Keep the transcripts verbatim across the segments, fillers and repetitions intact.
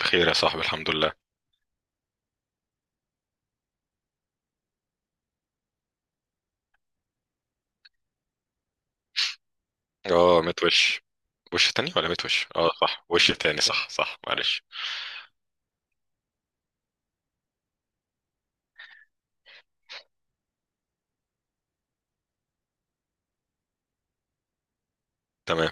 بخير يا صاحبي الحمد لله. اه متوش. وش تاني ولا متوش، اه صح، وش تاني، صح صح، معلش. تمام،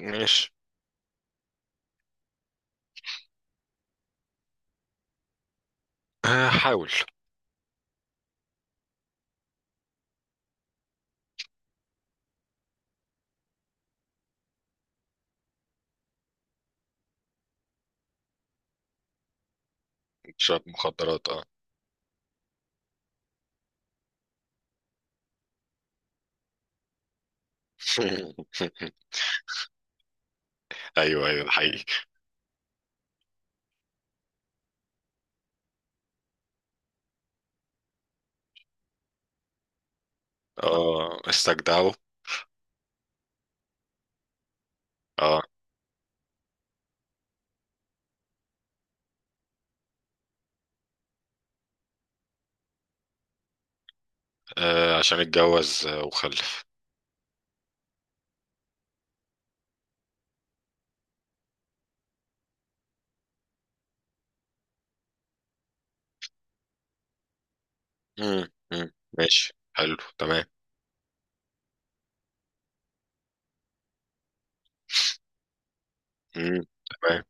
ماشي. آه، حاول. تشرب مخدرات اه. ايوه ايوه، ده حقيقي. اه استجدعوا. اه، آه، عشان اتجوز آه، وخلف. مم، مم، ماشي، حلو، تمام. مم. تمام.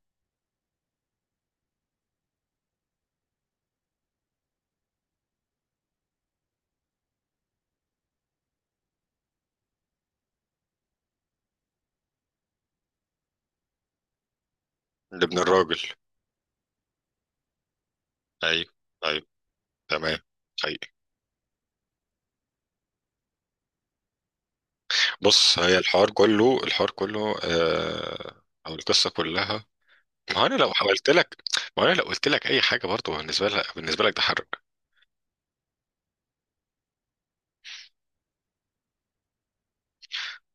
لابن الراجل. ايوه، ايوه، تمام. حقيقي. بص، هي الحوار كله الحوار كله آه، او القصه كلها. ما هو انا لو حاولت لك، ما هو انا لو قلت لك اي حاجه، برضه بالنسبه لك، بالنسبه لك ده حرق.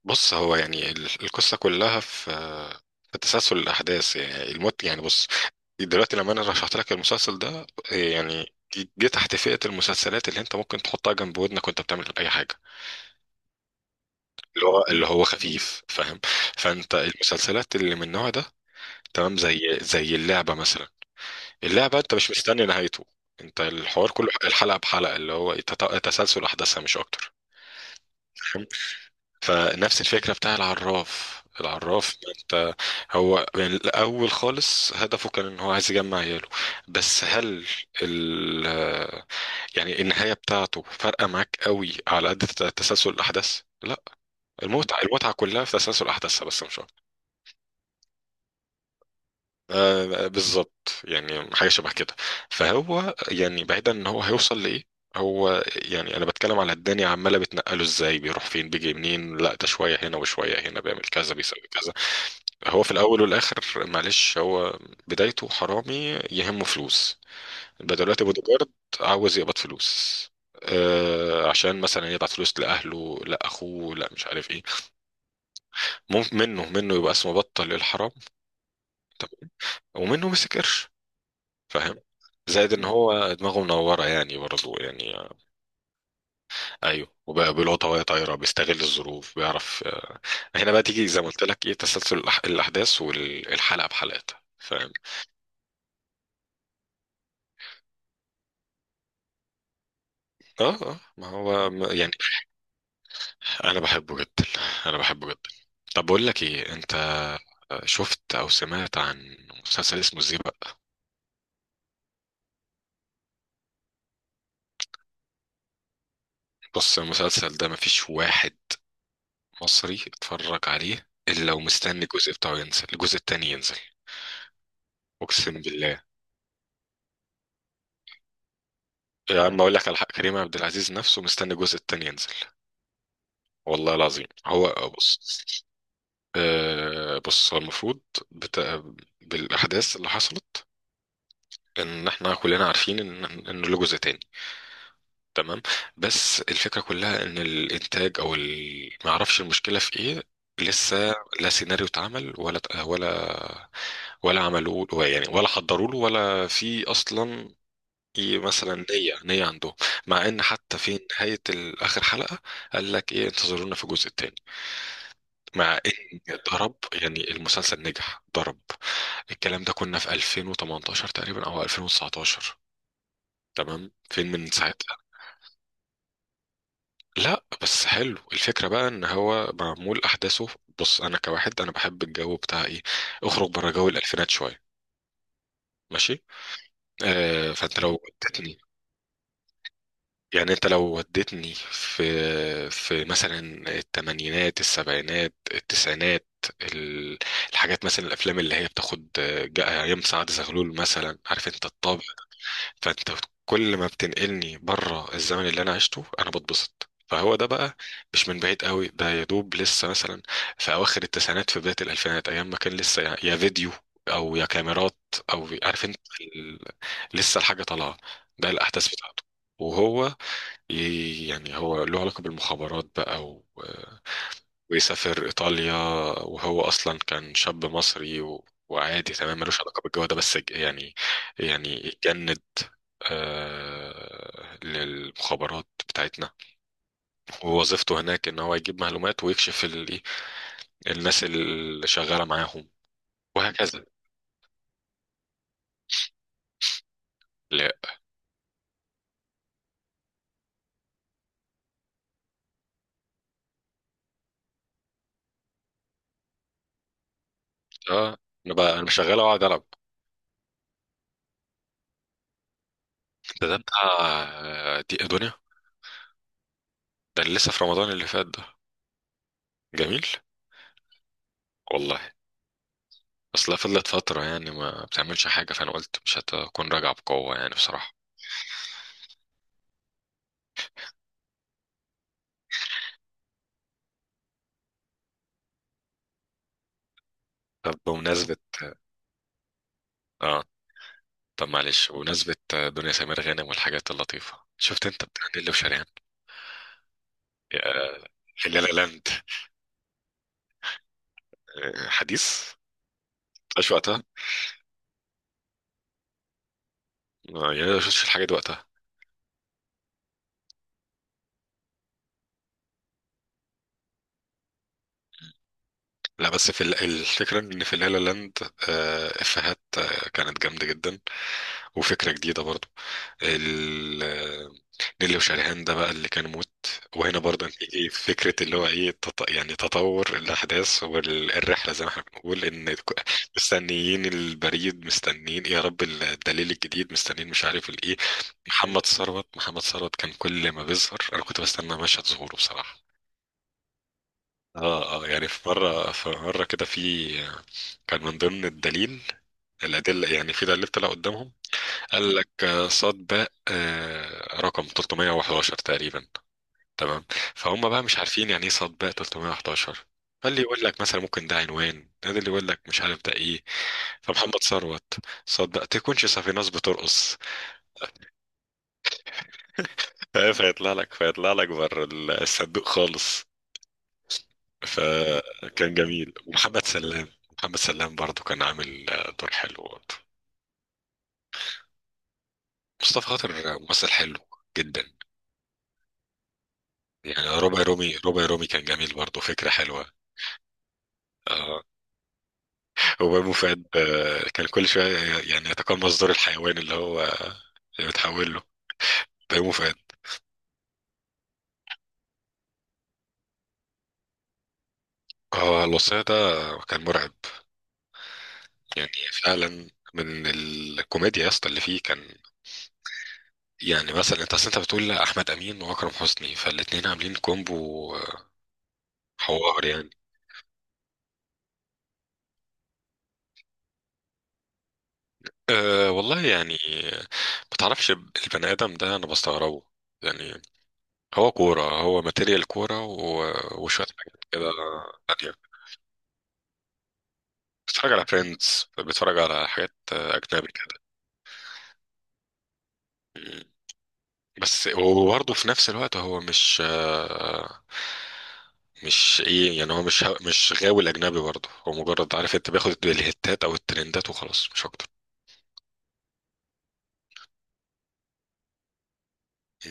بص، هو يعني ال- القصه كلها في في تسلسل الاحداث، يعني الموت، يعني بص. دلوقتي لما انا رشحت لك المسلسل ده، يعني جه تحت فئه المسلسلات اللي انت ممكن تحطها جنب ودنك وانت بتعمل اي حاجه، اللي هو اللي هو خفيف، فاهم. فانت المسلسلات اللي من النوع ده، تمام، زي زي اللعبه مثلا. اللعبه انت مش مستني نهايته، انت الحوار كله الحلقه بحلقه اللي هو تت- تسلسل احداثها، مش اكتر. فنفس الفكرة بتاع العراف، العراف ما انت، هو يعني الأول خالص هدفه كان إن هو عايز يجمع عياله. بس هل ال يعني النهاية بتاعته فارقة معاك قوي على قد تت- تسلسل الأحداث؟ لا. المتعة المتعة كلها في تسلسل أحداثها بس، مش أكتر. آه آه، بالظبط، يعني حاجة شبه كده. فهو يعني بعيدا إن هو هيوصل لإيه، هو يعني انا بتكلم على الدنيا عماله بتنقله ازاي، بيروح فين، بيجي منين، لا ده شويه هنا وشويه هنا، بيعمل كذا، بيسوي كذا. هو في الاول والاخر، معلش، هو بدايته حرامي يهمه فلوس، يبقى دلوقتي بودي جارد عاوز يقبض فلوس، آه عشان مثلا يبعت فلوس لاهله، لا اخوه، لا مش عارف ايه. ممكن منه منه يبقى اسمه بطل الحرام. طب، ومنه مسك قرش، فاهم. زائد ان هو دماغه منوره، يعني برضه يعني آه، ايوه، وبقى بيلقطها وهي طايره، بيستغل الظروف، بيعرف آه، هنا بقى تيجي زي ما قلت لك ايه، تسلسل الأح- الاحداث والحلقه بحلقتها، فاهم. اه اه ما هو م- يعني انا بحبه جدا، انا بحبه جدا. طب بقول لك ايه انت، شفت او سمعت عن مسلسل اسمه ازاي بقى. بص، المسلسل ده مفيش واحد مصري اتفرج عليه الا ومستني الجزء بتاعه ينزل، الجزء التاني ينزل. اقسم بالله يا عم، اقول لك على حق، كريم عبد العزيز نفسه مستني الجزء التاني ينزل، والله العظيم. هو بص، آه بص، هو المفروض، بتا... بالاحداث اللي حصلت، ان احنا كلنا عارفين ان ان له جزء تاني، تمام. بس الفكرة كلها ان الانتاج او ال... ما اعرفش المشكلة في ايه، لسه لا سيناريو اتعمل، ولا ولا ولا عملوه يعني، ولا حضروا له، ولا في اصلا ي- مثلا نية نية عندهم. مع ان حتى في نهاية ال- اخر حلقة، قال لك ايه، انتظرونا في الجزء التاني. مع ان، ضرب يعني، المسلسل نجح ضرب. الكلام ده كنا في ألفين وثمنتاشر تقريبا او ألفين وتسعتاشر. تمام، فين من ساعتها. لا بس حلو الفكرة بقى ان هو معمول احداثه. بص، انا كواحد انا بحب الجو بتاع ايه، اخرج بره جو الالفينات شوية، ماشي. آه، فانت لو وديتني، يعني انت لو وديتني في في مثلا الثمانينات، السبعينات، التسعينات، ال- الحاجات مثلا، الافلام اللي هي بتاخد آه، جا- ايام سعد زغلول مثلا، عارف انت الطابع. فانت كل ما بتنقلني بره الزمن اللي انا عشته انا بتبسط، فهو ده بقى مش من بعيد قوي، ده يا دوب لسه مثلا في اواخر التسعينات، في بدايه الالفينات، ايام ما كان لسه يا يا فيديو او يا كاميرات او عارف انت ال... لسه الحاجه طالعه، ده الاحداث بتاعته. وهو ي... يعني هو له علاقه بالمخابرات بقى، ويسافر إيطاليا، وهو أصلا كان شاب مصري و... وعادي تمام، ملوش علاقة بالجو ده، بس ج- يعني، يعني اتجند آه للمخابرات بتاعتنا. ووظيفته هناك إن هو يجيب معلومات ويكشف ال... إيه، الناس اللي شغالة معاهم، وهكذا. لا آه، أنا بقى أنا مش شغال أقعد ألعب. ده ده بتاع آه، دي دنيا، ده اللي لسه في رمضان اللي فات ده. جميل والله. اصلها فضلت فترة يعني ما بتعملش حاجة، فأنا قلت مش هتكون راجعة بقوة يعني بصراحة. طب بمناسبة، اه، طب معلش بمناسبة آه، دنيا سمير غانم والحاجات اللطيفة، شفت انت بتاع نيللي وشريهان، آه، لا لا لاند، آه، حديث، مش وقتها. آه، يعني أنا ما شفتش الحاجة دي وقتها. لا بس في ال- الفكرة ان في لا لا لاند آه، افيهات آه، كانت جامدة جدا، وفكرة جديدة برضو. ال- نيلي وشريهان ده بقى اللي كان موت. وهنا برضه هتيجي فكرة اللي هو ايه، تط... يعني تطور الأحداث والرحلة زي ما احنا بنقول إن ك- مستنيين البريد، مستنيين إيه يا رب الدليل الجديد، مستنيين مش عارف الإيه. محمد ثروت محمد ثروت كان كل ما بيظهر أنا كنت بستنى مشهد ظهوره بصراحة. اه، اه يعني، في مرة في مرة كده، في كان من ضمن الدليل، الأدلة يعني، في دليل طلع قدامهم، قال لك آه، صاد باء آه، رقم ثلاثمية وحداشر تقريبا، تمام. فهم بقى مش عارفين يعني ايه صاد باء ثلاثمية وحداشر. فاللي يقول لك مثلا ممكن ده عنوان، ده اللي يقول لك مش عارف ده ايه. فمحمد ثروت، صاد باء تكونش صافي ناس بترقص. آه، فيطلع لك، فيطلع لك بره الصندوق خالص. فكان جميل. ومحمد سلام محمد سلام برضو كان عامل آه، دور حلو برضو. مصطفى خاطر آه، ممثل حلو جدا يعني. ربع رومي ربع رومي كان جميل برضو، فكرة حلوة. آه، وبابو فؤاد آه، كان كل شوية يعني يتقمص دور الحيوان اللي هو اللي بتحول له، بيومه فؤاد. اه الوصية ده كان مرعب، يعني فعلا من الكوميديا يا اسطى اللي فيه كان، يعني مثلا انت، اصل انت بتقول احمد امين واكرم حسني، فالاتنين عاملين كومبو. حوار يعني. أه والله يعني ما تعرفش، البني ادم ده انا بستغربه يعني، هو كورة، هو ماتيريال كورة و- وشوية حاجات كده. بتفرج على فريندز، بتفرج على حاجات آه، اجنبي كده. مم. بس وبرضه في نفس الوقت هو مش آه، مش ايه يعني، هو مش مش غاوي الاجنبي برضه، هو مجرد، عارف انت، بياخد الهتات او الترندات وخلاص، مش اكتر.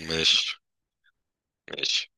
ماشي، ماشي.